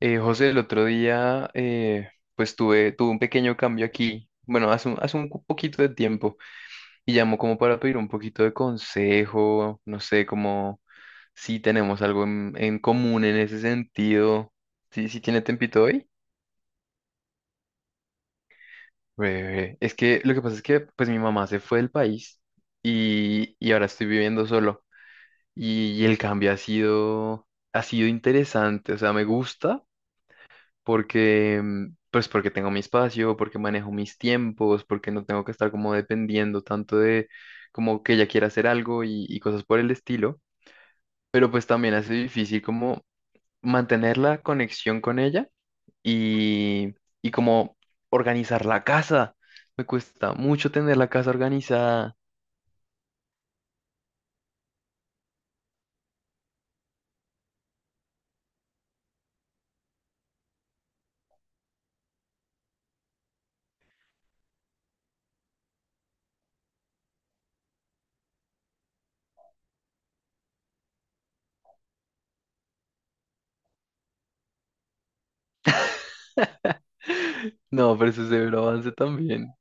José, el otro día, pues tuve un pequeño cambio aquí, bueno, poquito de tiempo, y llamó como para pedir un poquito de consejo, no sé, como si tenemos algo en común en ese sentido. ¿Sí, sí tiene tempito hoy? Breve. Es que lo que pasa es que pues mi mamá se fue del país y ahora estoy viviendo solo, y el ha sido interesante, o sea, me gusta porque, pues porque tengo mi espacio, porque manejo mis tiempos, porque no tengo que estar como dependiendo tanto de como que ella quiera hacer algo y cosas por el estilo, pero pues también hace difícil como mantener la conexión con ella y, y como organizar la casa. Me cuesta mucho tener la casa organizada. No, pero eso es severo avance también.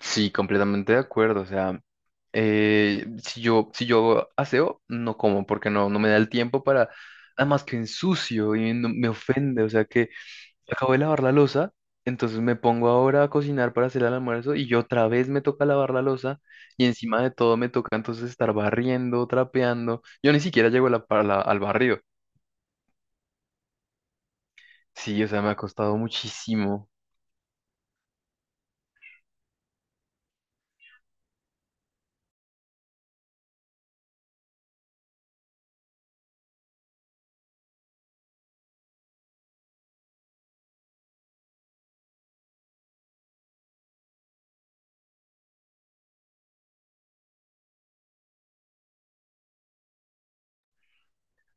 Sí, completamente de acuerdo. O sea, si yo aseo, no como, porque no, no me da el tiempo para, además que ensucio y no- me ofende. O sea que acabo de lavar la losa, entonces me pongo ahora a cocinar para hacer el almuerzo y yo otra vez me toca lavar la losa y encima de todo me toca entonces estar barriendo, trapeando. Yo ni siquiera llego a la, para la- al barrio. Sí, o sea, me ha costado muchísimo.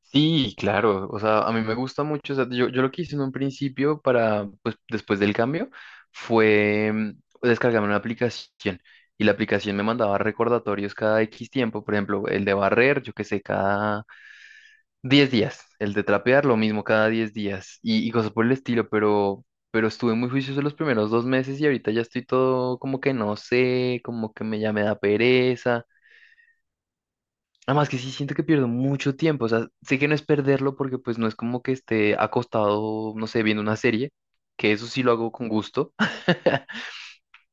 Sí, claro, o sea, a mí me gusta mucho, o sea, yo lo que hice en un principio para, pues después del cambio, fue descargarme una aplicación y la aplicación me mandaba recordatorios cada X tiempo, por ejemplo, el de barrer, yo qué sé, cada 10 días, el de trapear, lo mismo cada 10 días y cosas por el estilo, pero estuve muy juicioso los primeros 2 meses y ahorita ya estoy todo como que no sé, como que me, ya me da pereza. Además que sí siento que pierdo mucho tiempo, o sea, sé que no es perderlo porque pues no es como que esté acostado, no sé, viendo una serie, que eso sí lo hago con gusto,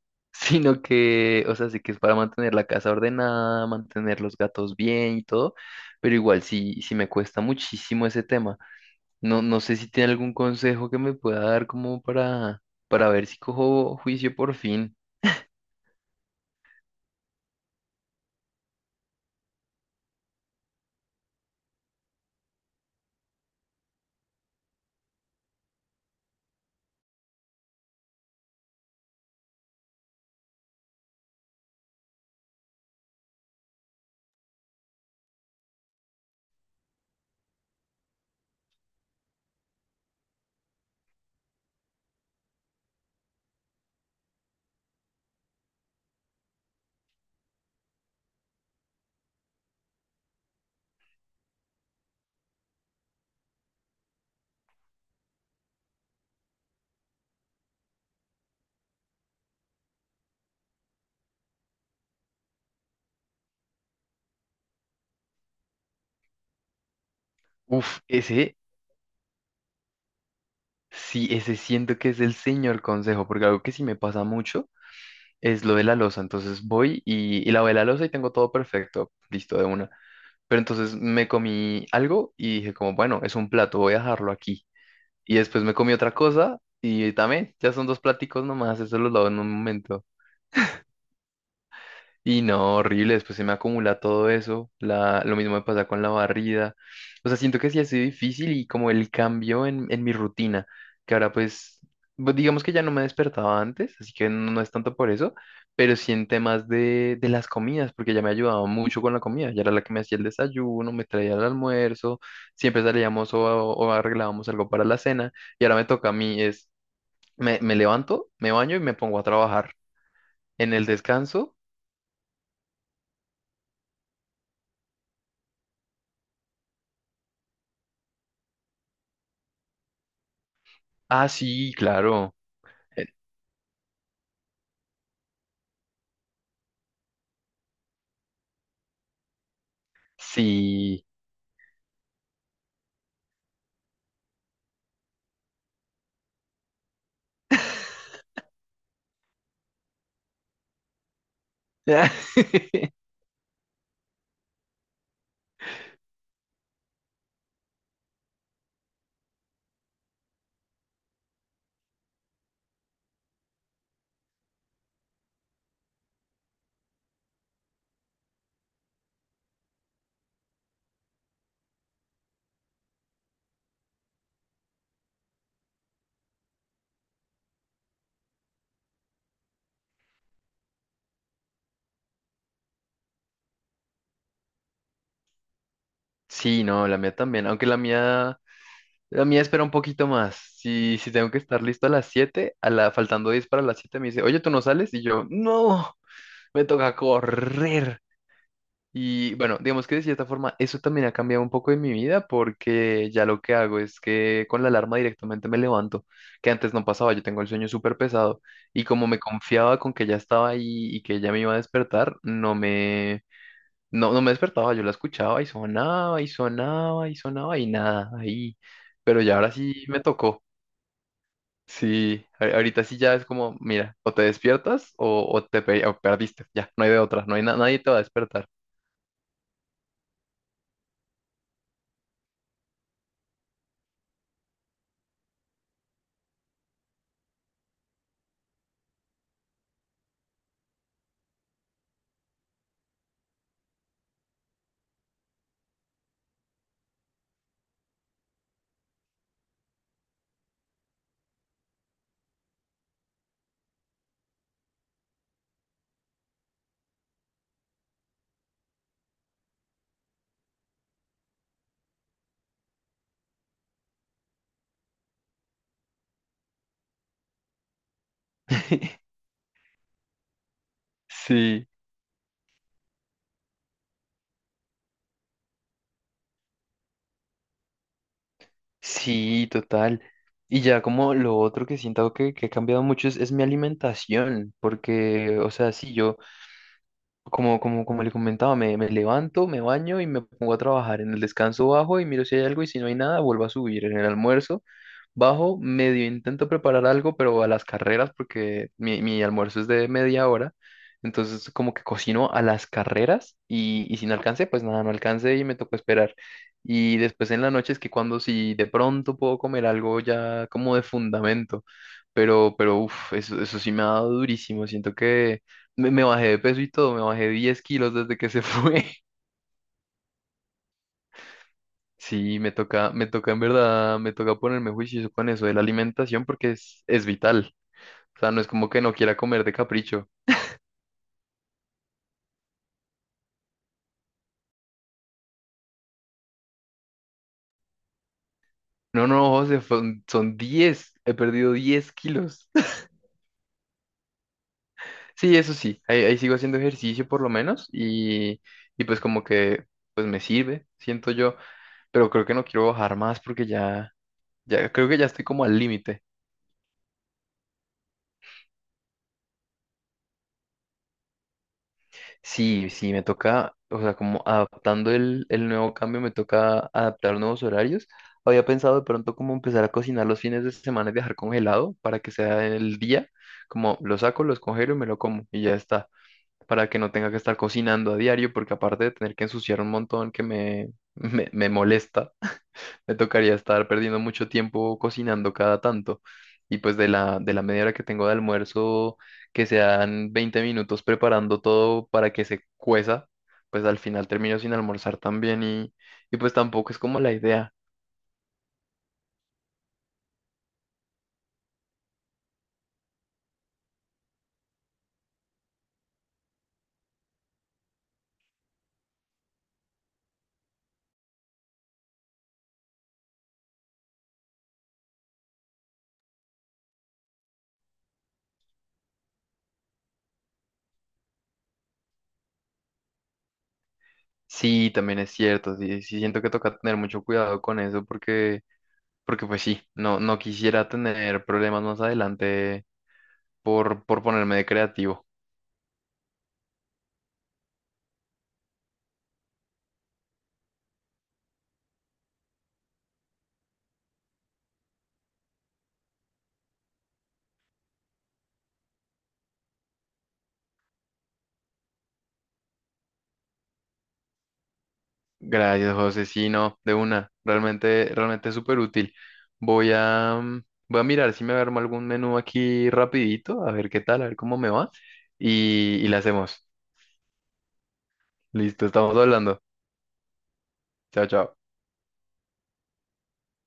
sino que, o sea, sé que es para mantener la casa ordenada, mantener los gatos bien y todo, pero igual sí, sí me cuesta muchísimo ese tema. No, no sé si tiene algún consejo que me pueda dar como para ver si cojo juicio por fin. Uf, ese, sí, ese siento que es el señor consejo, porque algo que sí me pasa mucho es lo de la loza. Entonces voy y lavé la loza y tengo todo perfecto, listo de una. Pero entonces me comí algo y dije como, bueno, es un plato, voy a dejarlo aquí. Y después me comí otra cosa y también, ya son dos platicos nomás, eso los lavo en un momento. Y no, horrible, después se me acumula todo eso, la, lo mismo me pasa con la barrida, o sea, siento que sí ha sido difícil y como el cambio en mi rutina, que ahora pues, bu- digamos que ya no me despertaba antes, así que no, no es tanto por eso, pero sí en temas de las comidas, porque ya me ayudaba mucho con la comida, ya era la que me hacía el desayuno, me traía el almuerzo, siempre salíamos o arreglábamos algo para la cena, y ahora me toca a mí, es, me levanto, me baño y me pongo a trabajar en el descanso. Ah, sí, claro. Sí. Sí, no, la mía también, aunque la mía espera un poquito más. Si, si tengo que estar listo a las 7, a la, faltando 10 para las 7 me dice, oye, ¿tú no sales? Y yo, no, me toca correr. Y bueno, digamos que de cierta forma eso también ha cambiado un poco en mi vida porque ya lo que hago es que con la alarma directamente me levanto, que antes no pasaba, yo tengo el sueño súper pesado y como me confiaba con que ya estaba ahí y que ya me iba a despertar, no, no me despertaba, yo la escuchaba y sonaba y sonaba y sonaba y nada, ahí. Pero ya ahora sí me tocó. Sí, a- ahorita sí ya es como, mira, o te despiertas o te pe- o perdiste. Ya, no hay de otra, no hay na- nadie te va a despertar. Sí, sí, total. Y ya como lo otro que siento que ha cambiado mucho es mi alimentación, porque, o sea, sí, yo... Como, como, como le comentaba, me levanto, me baño y me pongo a trabajar. En el descanso bajo y miro si hay algo y si no hay nada, vuelvo a subir. En el almuerzo bajo, medio intento preparar algo, pero a las carreras porque mi almuerzo es de media hora. Entonces como que cocino a las carreras y si no alcancé, pues nada, no alcancé y me tocó esperar. Y después en la noche es que cuando si de pronto puedo comer algo ya como de fundamento, pero uff, eso sí me ha dado durísimo. Siento que... me bajé de peso y todo, me bajé 10 kilos desde que se fue. Sí, me toca en verdad, me toca ponerme juicioso con eso de la alimentación porque es vital. O sea, no es como que no quiera comer de capricho. No, no, José, son 10 he perdido 10 kilos. Sí, eso sí, ahí, ahí sigo haciendo ejercicio por lo menos y pues como que pues me sirve, siento yo, pero creo que no quiero bajar más porque ya, ya creo que ya estoy como al límite. Sí, sí, me toca, o sea, como adaptando el nuevo cambio, me toca adaptar nuevos horarios. Había pensado de pronto como empezar a cocinar los fines de semana y dejar congelado para que sea el día, como lo saco, los congelo y me lo como y ya está, para que no tenga que estar cocinando a diario, porque aparte de tener que ensuciar un montón que me, me molesta, me tocaría estar perdiendo mucho tiempo cocinando cada tanto. Y pues de la media hora que tengo de almuerzo, que sean 20 minutos preparando todo para que se cueza, pues al final termino sin almorzar también y pues tampoco es como la idea. Sí, también es cierto, sí, sí siento que toca tener mucho cuidado con eso porque, porque pues sí, no, no quisiera tener problemas más adelante por ponerme de creativo. Gracias, José. Sí, no, de una. Realmente, realmente es súper útil. Voy a, voy a mirar si me armo algún menú aquí rapidito, a ver qué tal, a ver cómo me va. Y le hacemos. Listo, estamos hablando. Chao, chao.